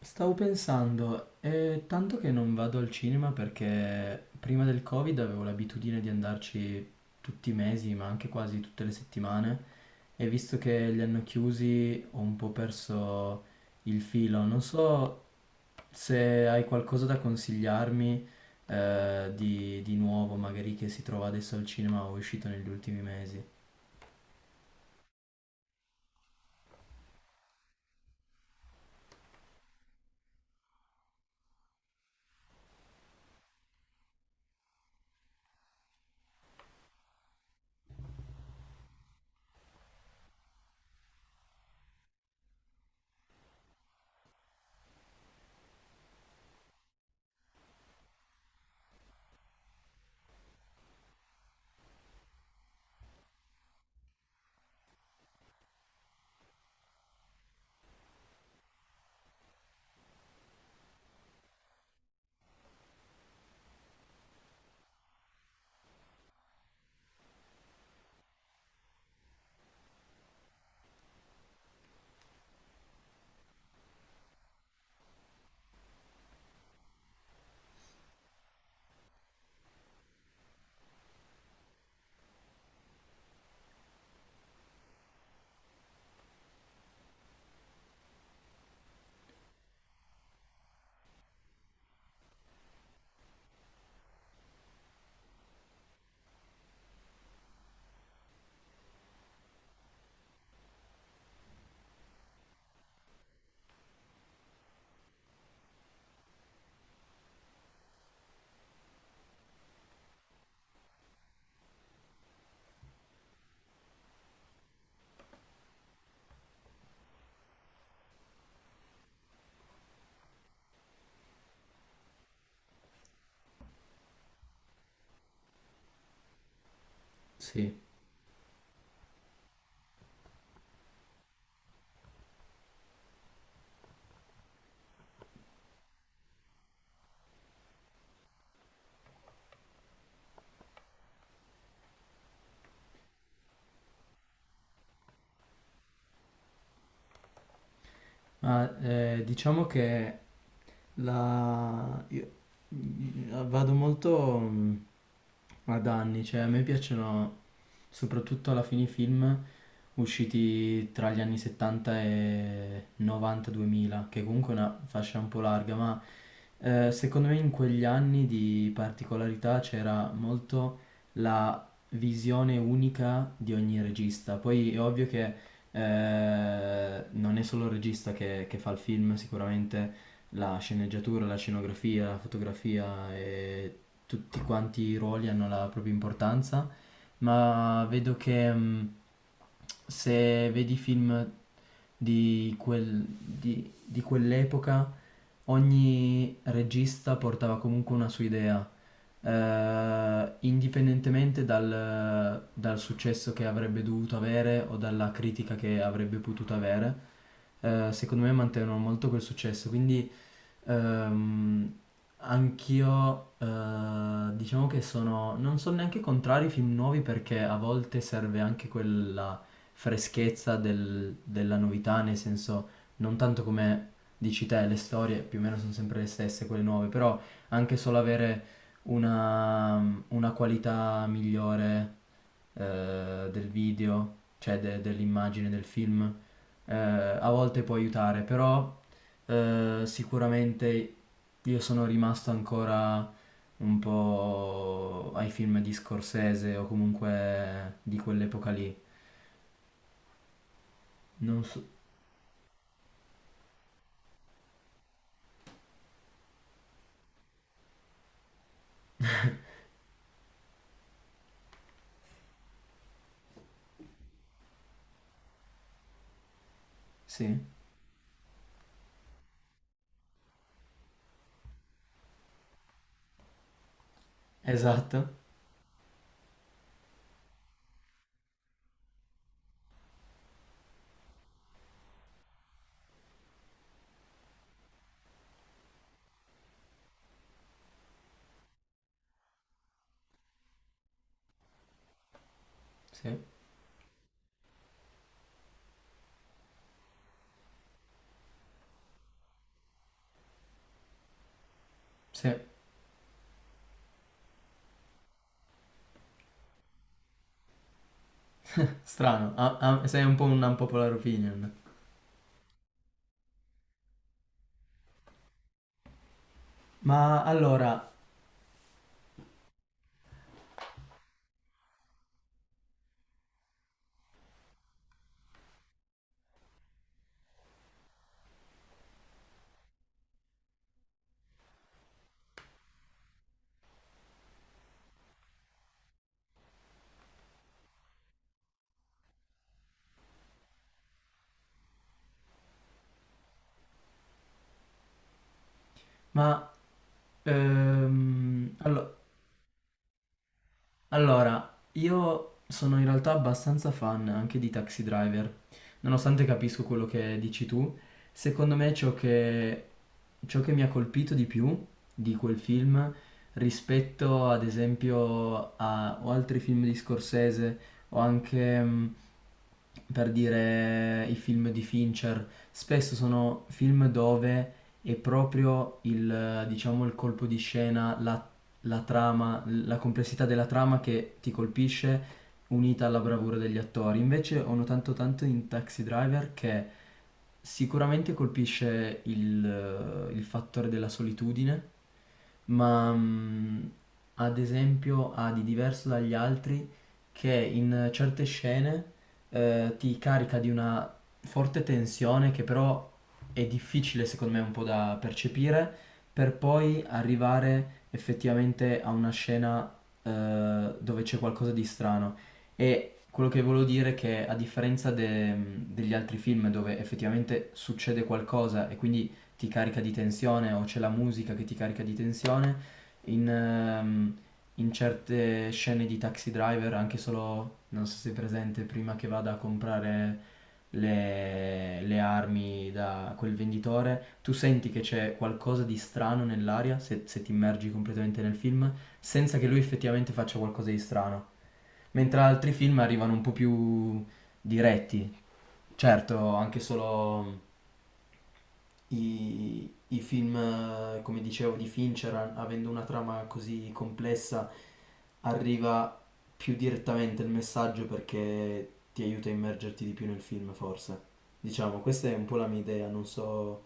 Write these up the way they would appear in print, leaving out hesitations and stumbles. Stavo pensando, è tanto che non vado al cinema perché prima del Covid avevo l'abitudine di andarci tutti i mesi, ma anche quasi tutte le settimane, e visto che li hanno chiusi ho un po' perso il filo. Non so se hai qualcosa da consigliarmi di nuovo, magari che si trova adesso al cinema o è uscito negli ultimi mesi. Sì. Diciamo che la... io- vado molto ad anni, cioè a me piacciono soprattutto alla fine i film usciti tra gli anni 70 e 90-2000, che comunque è una fascia un po' larga, ma secondo me in quegli anni di particolarità c'era molto la visione unica di ogni regista. Poi è ovvio che non è solo il regista che fa il film, sicuramente la sceneggiatura, la scenografia, la fotografia e tutti quanti i ruoli hanno la propria importanza, ma vedo che se vedi film di quell'epoca, ogni regista portava comunque una sua idea, indipendentemente dal successo che avrebbe dovuto avere o dalla critica che avrebbe potuto avere. Secondo me mantengono molto quel successo, quindi Ehm, anch'io diciamo che non sono neanche contrari ai film nuovi perché a volte serve anche quella freschezza della novità, nel senso non tanto come dici te, le storie più o meno sono sempre le stesse, quelle nuove, però anche solo avere una qualità migliore del video, cioè dell'immagine del film, a volte può aiutare, però sicuramente io sono rimasto ancora un po' ai film di Scorsese o comunque di quell'epoca lì. Non so. Sì, esatto. Sì, sì. Strano, ah, ah, sei un po' un unpopular opinion. Ma allora, ma ehm, allo- Allora, io sono in realtà abbastanza fan anche di Taxi Driver, nonostante capisco quello che dici tu. Secondo me ciò che mi ha colpito di più di quel film rispetto ad esempio a o altri film di Scorsese o anche per dire i film di Fincher, spesso sono film dove è proprio il, diciamo, il colpo di scena, la trama, la complessità della trama che ti colpisce unita alla bravura degli attori. Invece ho notato tanto in Taxi Driver che sicuramente colpisce il fattore della solitudine, ma ad esempio ha di diverso dagli altri che in certe scene ti carica di una forte tensione che però è difficile secondo me un po' da percepire per poi arrivare effettivamente a una scena dove c'è qualcosa di strano. E quello che volevo dire è che a differenza degli altri film dove effettivamente succede qualcosa e quindi ti carica di tensione o c'è la musica che ti carica di tensione, in, ehm, in certe scene di Taxi Driver, anche solo, non so se è presente, prima che vada a comprare le armi da quel venditore, tu senti che c'è qualcosa di strano nell'aria, se ti immergi completamente nel film, senza che lui effettivamente faccia qualcosa di strano. Mentre altri film arrivano un po' più diretti. Certo, anche solo i film, come dicevo, di Fincher, avendo una trama così complessa, arriva più direttamente il messaggio perché ti aiuta a immergerti di più nel film, forse. Diciamo, questa è un po' la mia idea, non so...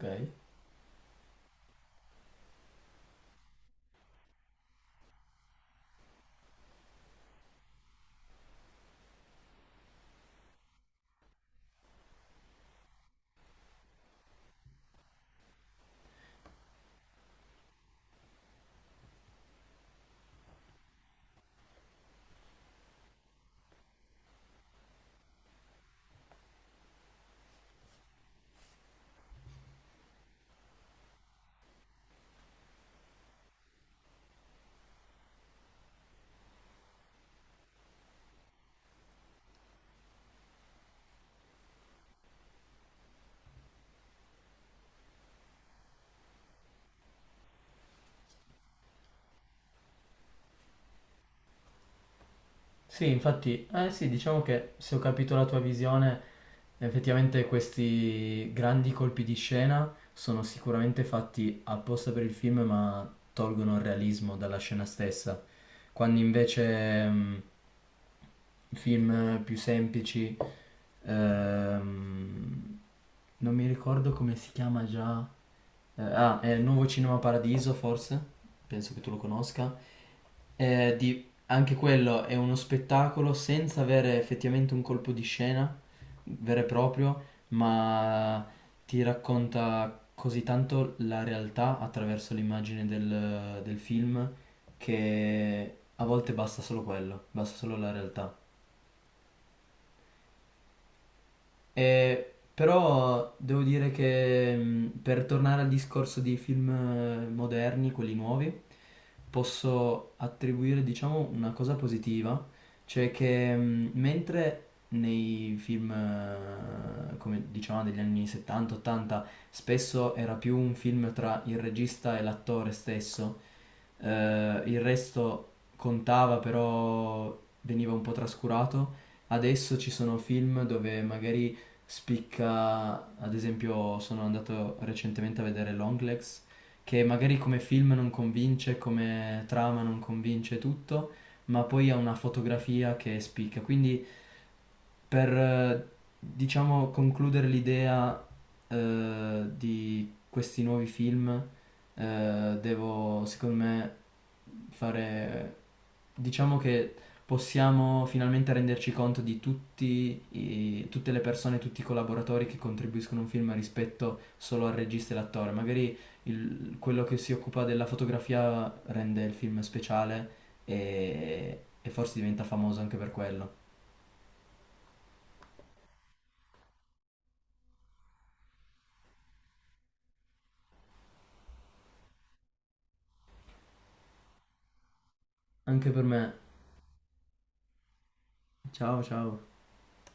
Ok. Sì, infatti, eh sì, diciamo che se ho capito la tua visione, effettivamente questi grandi colpi di scena sono sicuramente fatti apposta per il film, ma tolgono il realismo dalla scena stessa. Quando invece film più semplici, ehm, non mi ricordo come si chiama già. Ah, è Nuovo Cinema Paradiso, forse? Penso che tu lo conosca. Eh, di- Anche quello è uno spettacolo senza avere effettivamente un colpo di scena vero e proprio, ma ti racconta così tanto la realtà attraverso l'immagine del film che a volte basta solo quello, basta solo la realtà. Però devo dire che per tornare al discorso di film moderni, quelli nuovi, posso attribuire, diciamo, una cosa positiva, cioè che mentre nei film, come diciamo, degli anni 70-80, spesso era più un film tra il regista e l'attore stesso, il resto contava, però veniva un po' trascurato. Adesso ci sono film dove magari spicca, ad esempio sono andato recentemente a vedere Longlegs, che magari come film non convince, come trama non convince tutto, ma poi ha una fotografia che spicca, quindi per, diciamo, concludere l'idea di questi nuovi film, devo, secondo me, fare... Diciamo che possiamo finalmente renderci conto di tutti tutte le persone, tutti i collaboratori che contribuiscono a un film rispetto solo al regista e all'attore. Magari quello che si occupa della fotografia rende il film speciale e forse diventa famoso anche per quello. Anche per me. Ciao, ciao.